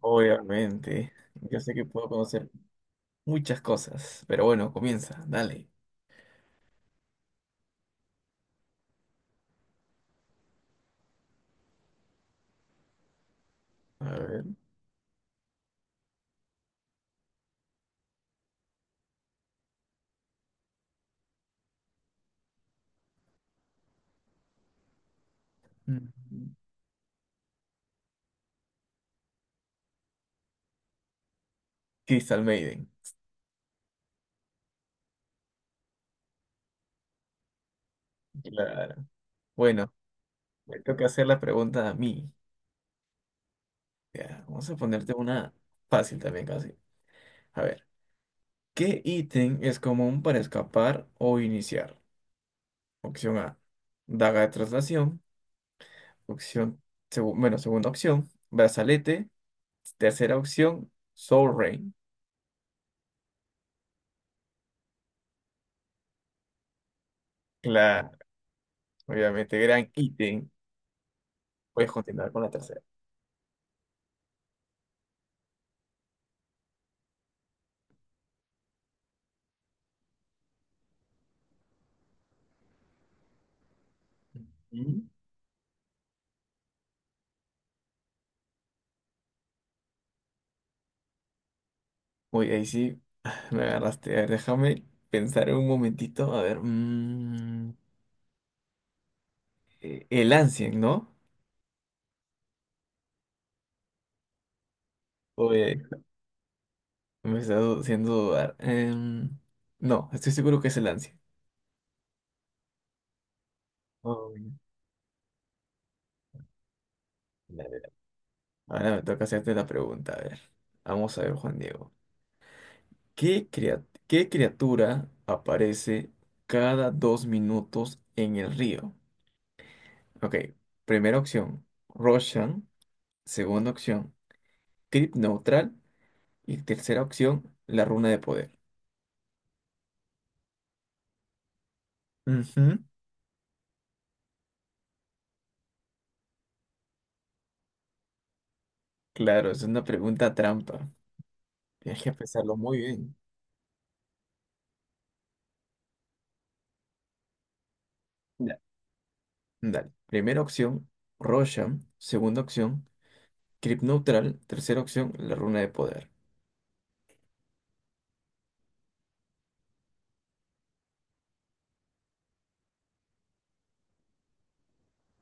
Obviamente, yo sé que puedo conocer muchas cosas, pero bueno, comienza, dale. A ver. Mm. Crystal Maiden. Claro. Bueno, me toca hacer la pregunta a mí. Ya, vamos a ponerte una fácil también casi. A ver, ¿qué ítem es común para escapar o iniciar? Opción A, daga de traslación. Opción, bueno, segunda opción, brazalete. Tercera opción, Soul Rain. Claro, obviamente, gran ítem. Voy a continuar con la tercera. Mm. Uy, ahí sí me agarraste. A ver, déjame pensar un momentito. A ver. El Ancien, ¿no? Oye, me está haciendo dudar. No, estoy seguro que es el Ancien. Uy, la verdad. Ahora me toca hacerte la pregunta. A ver. Vamos a ver, Juan Diego. ¿Qué criatura aparece cada 2 minutos en el río? Ok, primera opción, Roshan. Segunda opción, Crit Neutral. Y tercera opción, la runa de poder. Ujú. Claro, es una pregunta trampa. Tienes que pensarlo muy bien. Ya. Dale. Primera opción, Roshan. Segunda opción, Crypt Neutral. Tercera opción, la runa de poder.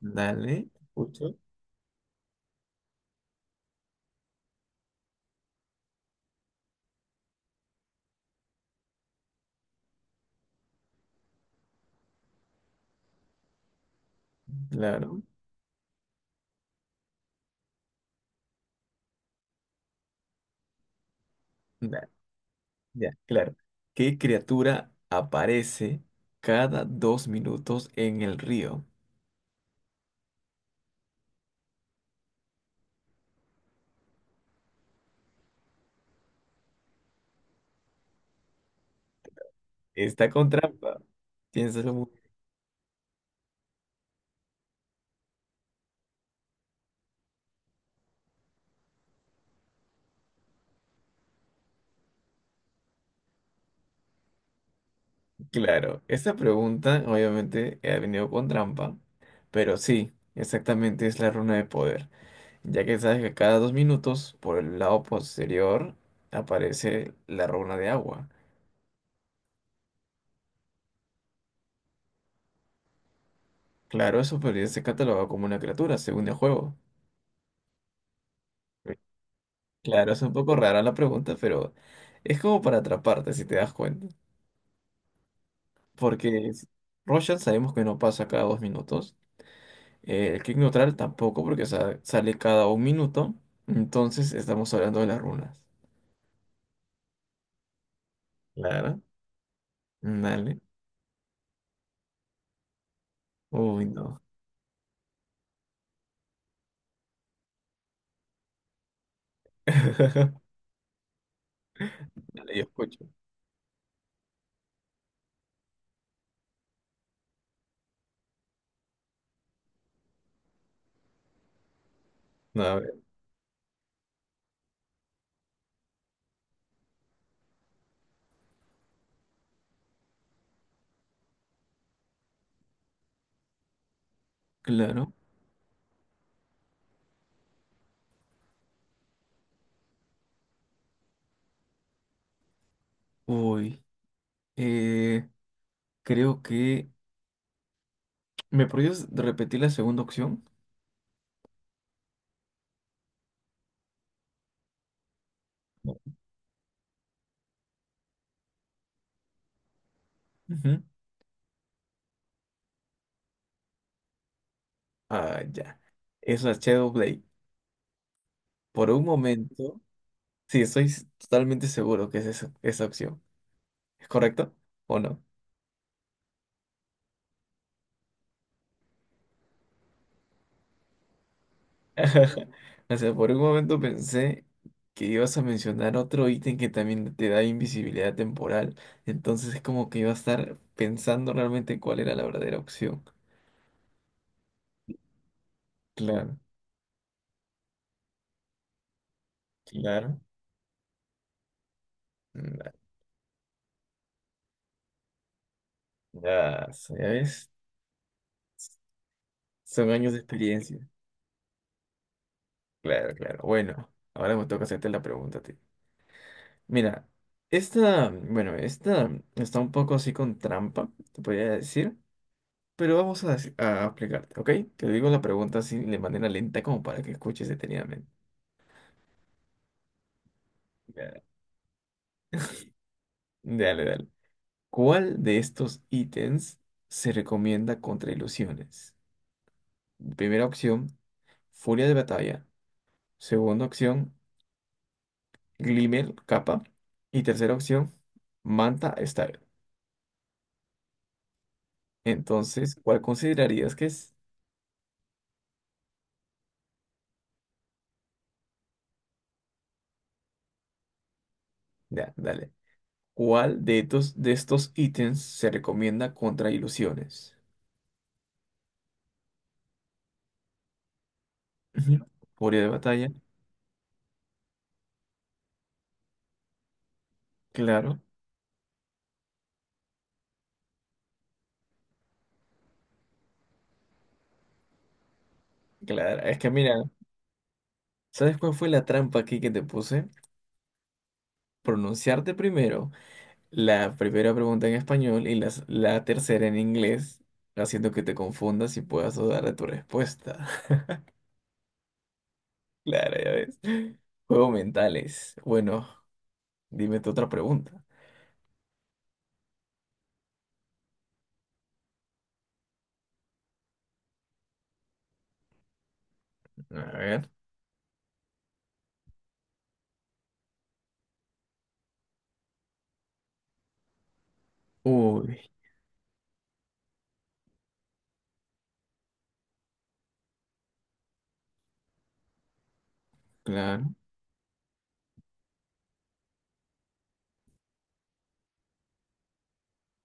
Dale. Escucho. Claro. Dale. Ya, claro. ¿Qué criatura aparece cada dos minutos en el río? Está con trampa. Piénsalo. Claro, esta pregunta obviamente ha venido con trampa, pero sí, exactamente es la runa de poder, ya que sabes que cada 2 minutos por el lado posterior aparece la runa de agua. Claro, eso podría ser catalogado como una criatura, según el juego. Claro, es un poco rara la pregunta, pero es como para atraparte, si te das cuenta. Porque es- Roshan sabemos que no pasa cada 2 minutos. El clic neutral tampoco, porque sale cada 1 minuto. Entonces estamos hablando de las runas. Claro. Dale. Uy, no. Dale, yo escucho. No, a ver. Claro. Uy. Eh, Creo que. ¿Me podrías repetir la segunda opción? No. Ujú. Ah, ya. Es la Shadowblade. Por un momento. Sí, estoy totalmente seguro que es esa opción. ¿Es correcto? ¿O no? O sea, por un momento pensé que ibas a mencionar otro ítem que también te da invisibilidad temporal. Entonces es como que iba a estar pensando realmente cuál era la verdadera opción. Claro, claro. Mm. Ya, ya ves. Son años de experiencia. Claro, claro. Bueno, ahora me toca hacerte la pregunta a ti. Mira, esta está un poco así con trampa, te podría decir. Pero vamos a explicarte, ¿ok? Te digo la pregunta así de manera lenta como para que escuches detenidamente. Ya. Dale, dale. ¿Cuál de estos ítems se recomienda contra ilusiones? Primera opción, furia de batalla. Segunda opción, glimmer, capa. Y tercera opción, manta style. Entonces, ¿cuál considerarías que es? Ya, dale. ¿Cuál de estos ítems se recomienda contra ilusiones? Ujú. Furia de batalla, claro. Claro, es que mira, ¿sabes cuál fue la trampa aquí que te puse? Pronunciarte primero la primera pregunta en español y la tercera en inglés, haciendo que te confundas y puedas dudar de tu respuesta. Claro, ya ves. Juegos mentales. Bueno, dime tu otra pregunta. A ver. Uy, claro.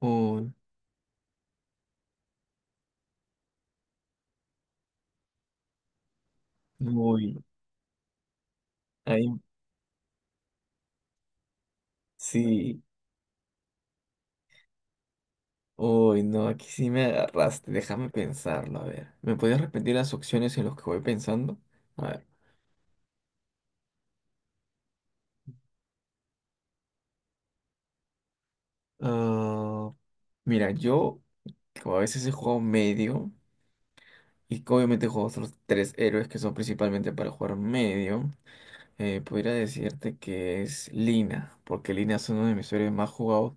Uy, uy. Ahí sí. Uy, no, aquí sí me agarraste. Déjame pensarlo. A ver. ¿Me podías repetir las opciones en las que voy pensando? A ver. Ah, mira, yo como a veces he jugado medio y que obviamente juego otros tres héroes que son principalmente para jugar medio. Podría decirte que es Lina, porque Lina es uno de mis héroes más jugados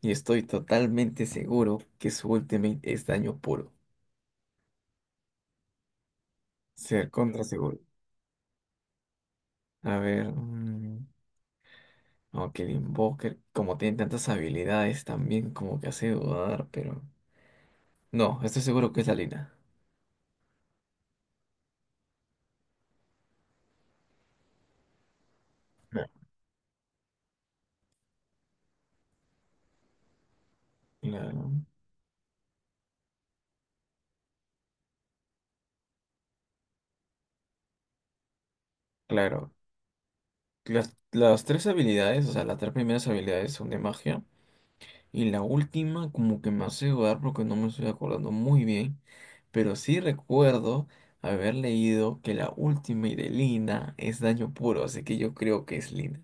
y estoy totalmente seguro que su ultimate es daño puro. Ser contra seguro. A ver, aunque el Invoker, como tiene tantas habilidades también, como que hace dudar, pero no, estoy seguro que es la Lina. No. Claro, claro. Las tres habilidades, o sea, las tres primeras habilidades son de magia. Y la última, como que me hace dudar porque no me estoy acordando muy bien. Pero sí recuerdo haber leído que la última y de Lina es daño puro, así que yo creo que es Lina.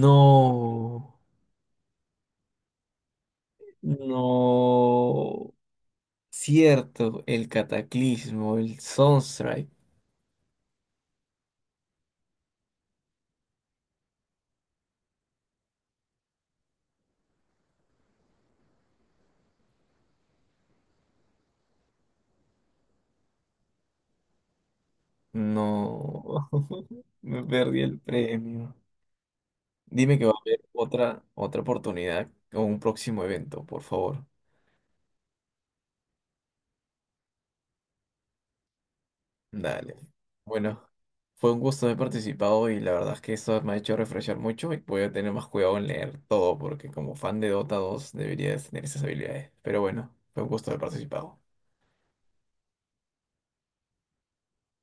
No, no. Cierto, el cataclismo, el Sunstrike. No, me perdí el premio. Dime que va a haber otra oportunidad o un próximo evento, por favor. Dale. Bueno, fue un gusto haber participado y la verdad es que esto me ha hecho refrescar mucho y voy a tener más cuidado en leer todo porque como fan de Dota 2 deberías tener esas habilidades. Pero bueno, fue un gusto haber participado.